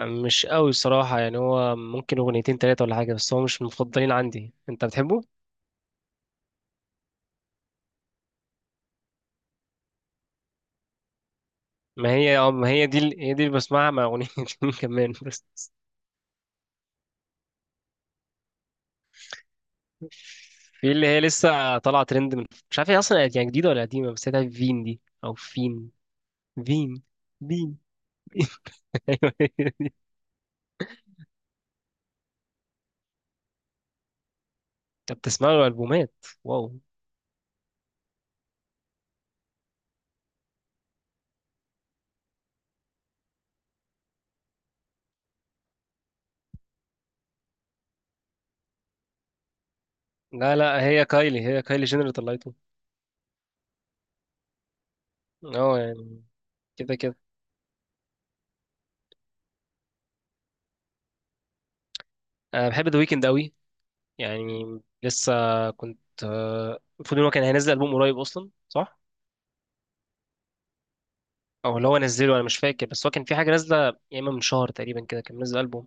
مش قوي الصراحة، يعني هو ممكن أغنيتين تلاتة ولا حاجة، بس هو مش من المفضلين عندي. أنت بتحبه؟ ما هي دي ال- هي دي اللي بسمعها مع أغنيتين كمان بس. في اللي هي لسه طالعة ترند من، مش عارف هي أصلا يعني جديدة ولا قديمة، بس هي فين دي أو فين فين فين؟ أيوة. أنت بتسمع له ألبومات؟ واو. لا لا، هي كايلي جينر اللي طلعته. اه يعني، كده كده. أنا بحب ذا ويكند أوي، يعني لسه كنت آه، المفروض ان هو كان هينزل ألبوم قريب اصلا، صح؟ او اللي هو نزله انا مش فاكر، بس هو كان في حاجه نازله يا اما من شهر تقريبا كده كان منزل ألبوم،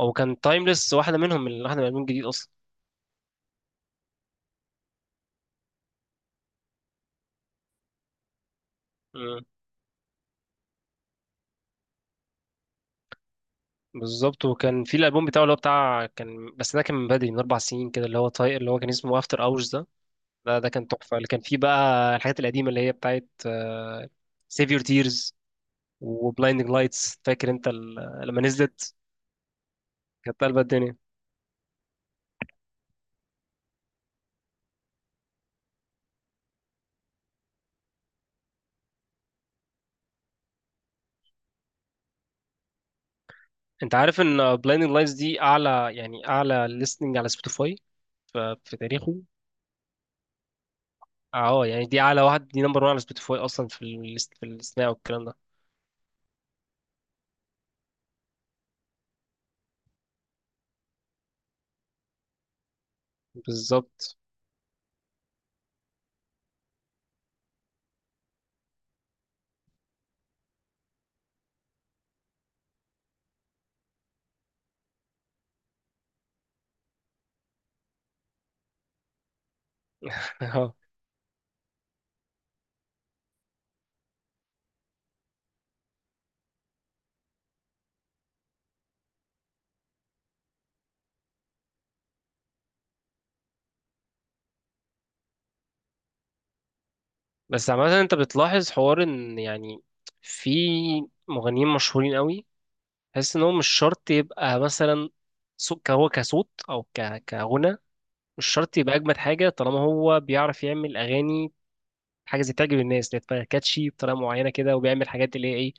او كان تايمليس واحده منهم، من واحده من الألبوم الجديد اصلا. مم. بالظبط. وكان في الألبوم بتاعه اللي هو بتاع كان، بس ده كان من بدري، من أربع سنين كده، اللي هو طاي... اللي هو كان اسمه افتر اورز ده. ده كان تحفه، اللي كان فيه بقى الحاجات القديمه اللي هي بتاعت سيف يور تيرز وبلايندنج لايتس، فاكر انت ال- لما نزلت كانت قلبة الدنيا. انت عارف ان بلايندنج لايتس دي اعلى يعني اعلى ليستنج على سبوتيفاي ف- في تاريخه؟ اه يعني دي اعلى واحد، دي نمبر 1 على سبوتيفاي اصلا في الليست، في الاستماع والكلام ده. بالظبط. اه. بس عامه انت بتلاحظ حوار ان يعني في مغنيين مشهورين قوي، تحس ان هو مش شرط يبقى مثلا صوت، هو كصوت او ك... كغنى مش شرط يبقى اجمد حاجه، طالما هو بيعرف يعمل اغاني حاجه زي تعجب الناس، اللي هي تبقى كاتشي بطريقه معينه كده، وبيعمل حاجات اللي هي إيه،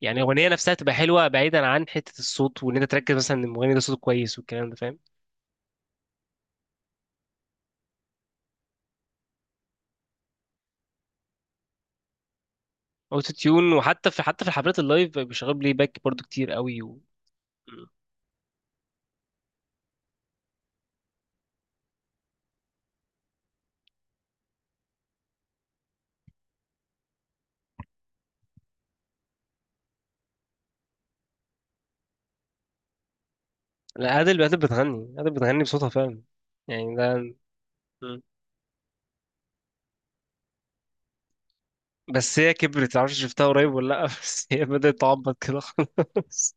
يعني الاغنيه نفسها تبقى حلوه بعيدا عن حته الصوت، وان انت تركز مثلا ان المغني ده صوته كويس والكلام ده، فاهم؟ اوتو تيون. وحتى في الحفلات اللايف بقى بيشغلوا بلاي باك برضو كتير قوي و... مم. لا، ادل، ادل بتغني بصوتها فعلا، يعني ده. مم. بس هي كبرت، معرفش شفتها قريب ولا لا، بس هي بدات تعبط كده خلاص.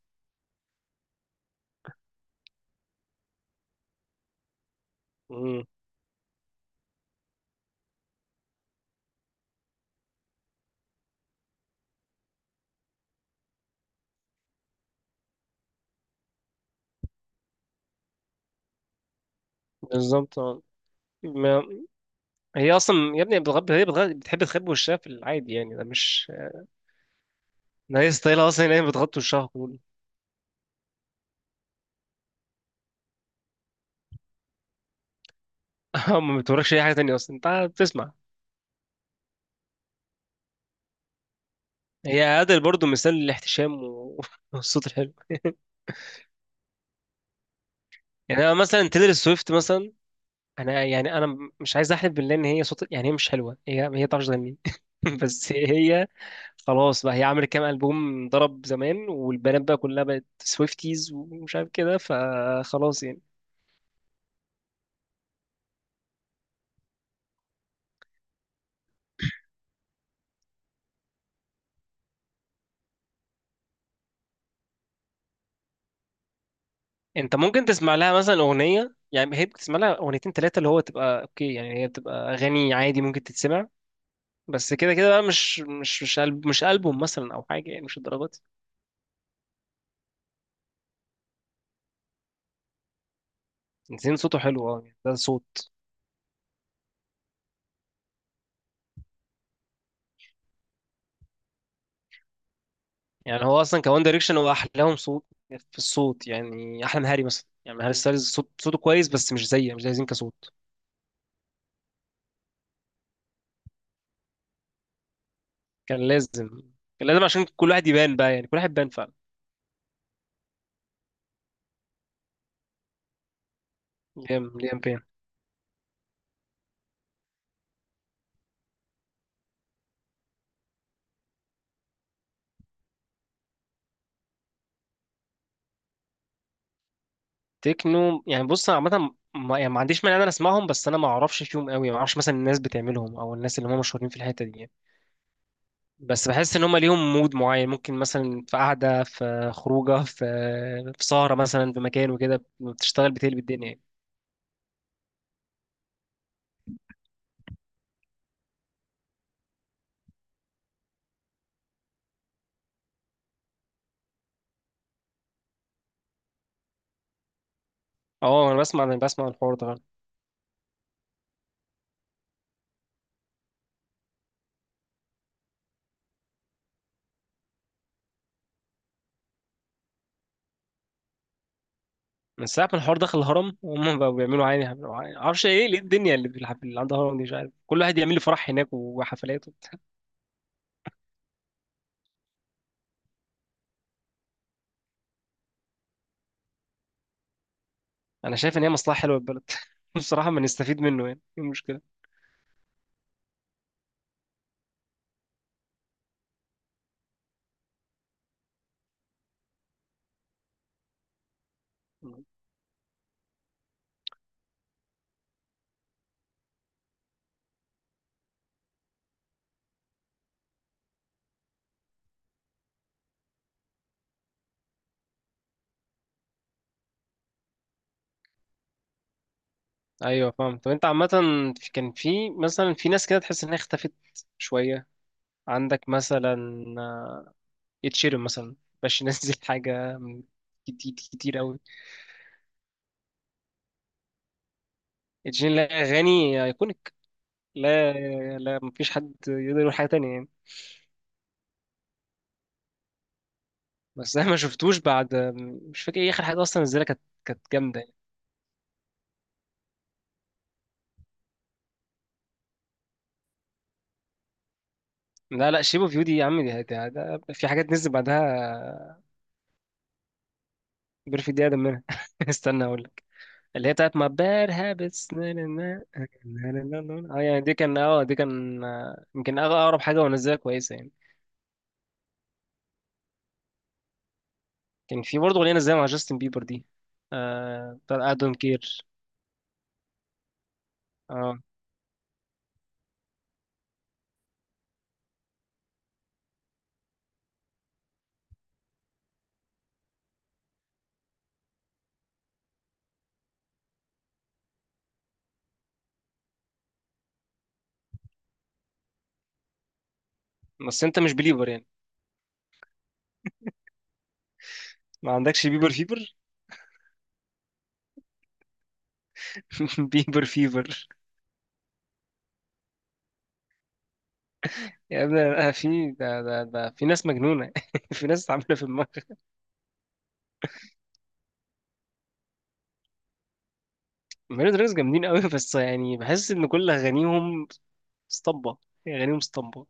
مم. بالظبط، اه. ما هي اصلا يا ابني بتغب... هي بتغ... بتحب تخبي وشها في العادي، يعني ده مش، ده هي ستايلها اصلا ان هي بتغطي وشها كله. ما بتوريكش اي حاجه تانية اصلا، انت بتسمع. هي عادل برضو مثال للاحتشام و- والصوت الحلو. يعني انا مثلا تيلر سويفت مثلا، انا يعني انا مش عايز احلف بالله ان هي صوت، يعني هي مش حلوه، هي ما بتعرفش تغني. بس هي خلاص بقى، هي عملت كام البوم ضرب زمان والبنات بقى كلها بقت سويفتيز ومش عارف كده، فخلاص يعني. انت ممكن تسمع لها مثلا اغنيه، يعني هي بتسمع لها اغنيتين ثلاثه اللي هو تبقى اوكي، يعني هي بتبقى اغاني عادي ممكن تتسمع، بس كده كده بقى مش ألب- مش البوم مثلا او حاجه، يعني مش الدرجات. زين صوته حلو، اه يعني ده صوت. يعني هو اصلا كوان دايركشن هو احلاهم صوت، في الصوت يعني احلى من هاري مثلا، يعني هاري ستايلز صوت صوته كويس بس مش زي مش زي زين كصوت. كان لازم، كان لازم عشان كل واحد يبان بقى، يعني كل واحد يبان فعلا. ليام، ليام بيان. تكنو يعني، بص انا عامه ما يعني ما عنديش مانع ان انا اسمعهم، بس انا ما اعرفش فيهم قوي، ما اعرفش مثلا الناس بتعملهم او الناس اللي هم مشهورين في الحته دي يعني. بس بحس ان هم ليهم مود معين، ممكن مثلا في قعده، في خروجه، في في سهره مثلا في مكان وكده بتشتغل بتقلب الدنيا يعني. اه، انا بسمع الحوار ده فعلا. من ساعة ما الحوار دخل الهرم هم بقوا بيعملوا عادي، بيعملوا عادي، معرفش ايه ليه الدنيا، اللي في الحفل اللي عندها هرم دي مش عارف، كل واحد يعمل لي فرح هناك وحفلات وبتاع. انا شايف ان هي مصلحة حلوة للبلد. بصراحة، ما نستفيد منه، يعني ايه المشكلة؟ ايوه فاهم. طب انت عامة كان في مثلا في ناس كده تحس انها اختفت شوية. عندك مثلا اتشيرم مثلا، باش ينزل حاجة من كتير كتير قوي. اتشيرم لا، اغاني ايكونيك، لا لا، مفيش حد يقدر يقول حاجة تانية يعني. بس احنا ما شفتوش بعد، مش فاكر ايه اخر حاجه اصلا نزلها، كانت كانت جامده يعني. لا لا، شيب اوف يو دي يا عم، دي دي- ده في حاجات نزل بعدها. بيرفكت؟ دي اقدم منها. استنى اقول لك. اللي هي بتاعت ما باد هابتس، اه. يعني دي كان، اه دي كان آه، يمكن أغ- اقرب حاجه ونزلها كويسه يعني. كان في برضه اغنيه نزلها مع جاستن بيبر دي، آه بتاعت I don't care. اه. بس انت مش بليبر يعني، ما عندكش بيبر فيبر؟ بيبر فيبر. يا ابني أنا، في ده في ناس مجنونة، في ناس عاملة في دماغها. ميلو دراكس جامدين قوي، بس يعني بحس إن كل أغانيهم اسطمبة، يعني أغانيهم اسطمبة.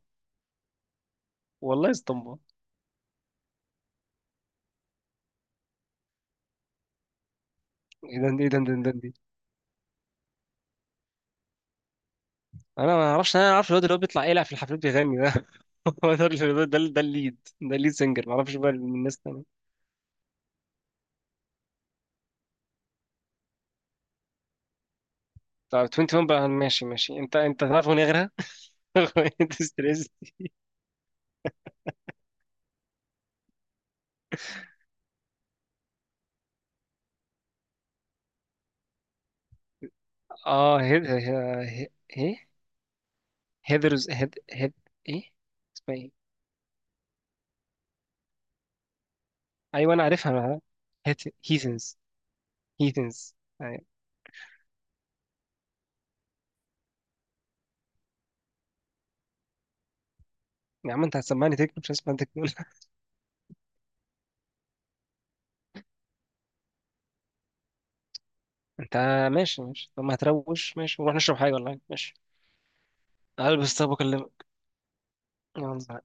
والله اسطمبة. إيه ده إيه ده إيه ده إيه ده دي. أنا ما أعرفش، أنا أعرفش الواد اللي هو بيطلع يلعب في الحفلات بيغني ده. هو ده اللي- ده الليد، ده الليد سنجر، ما أعرفش بقى من الناس التانية. طب 21 بقى، ماشي ماشي، أنت تعرف أغنية غيرها؟ أنت ستريس. آه هيد، هي- هي- إيه، هيدرز، هيد هيد، إيه اسمها إيه؟ ايوه انا عارفها انا. هيثنز. هيثنز يعني. يا عم انت هتسمعني تكنو، مش هسمع تكنو. انت ماشي ماشي، طب ما هتروش، ماشي ونروح نشرب حاجه، والله ماشي. هلبس، طب واكلمك. يلا.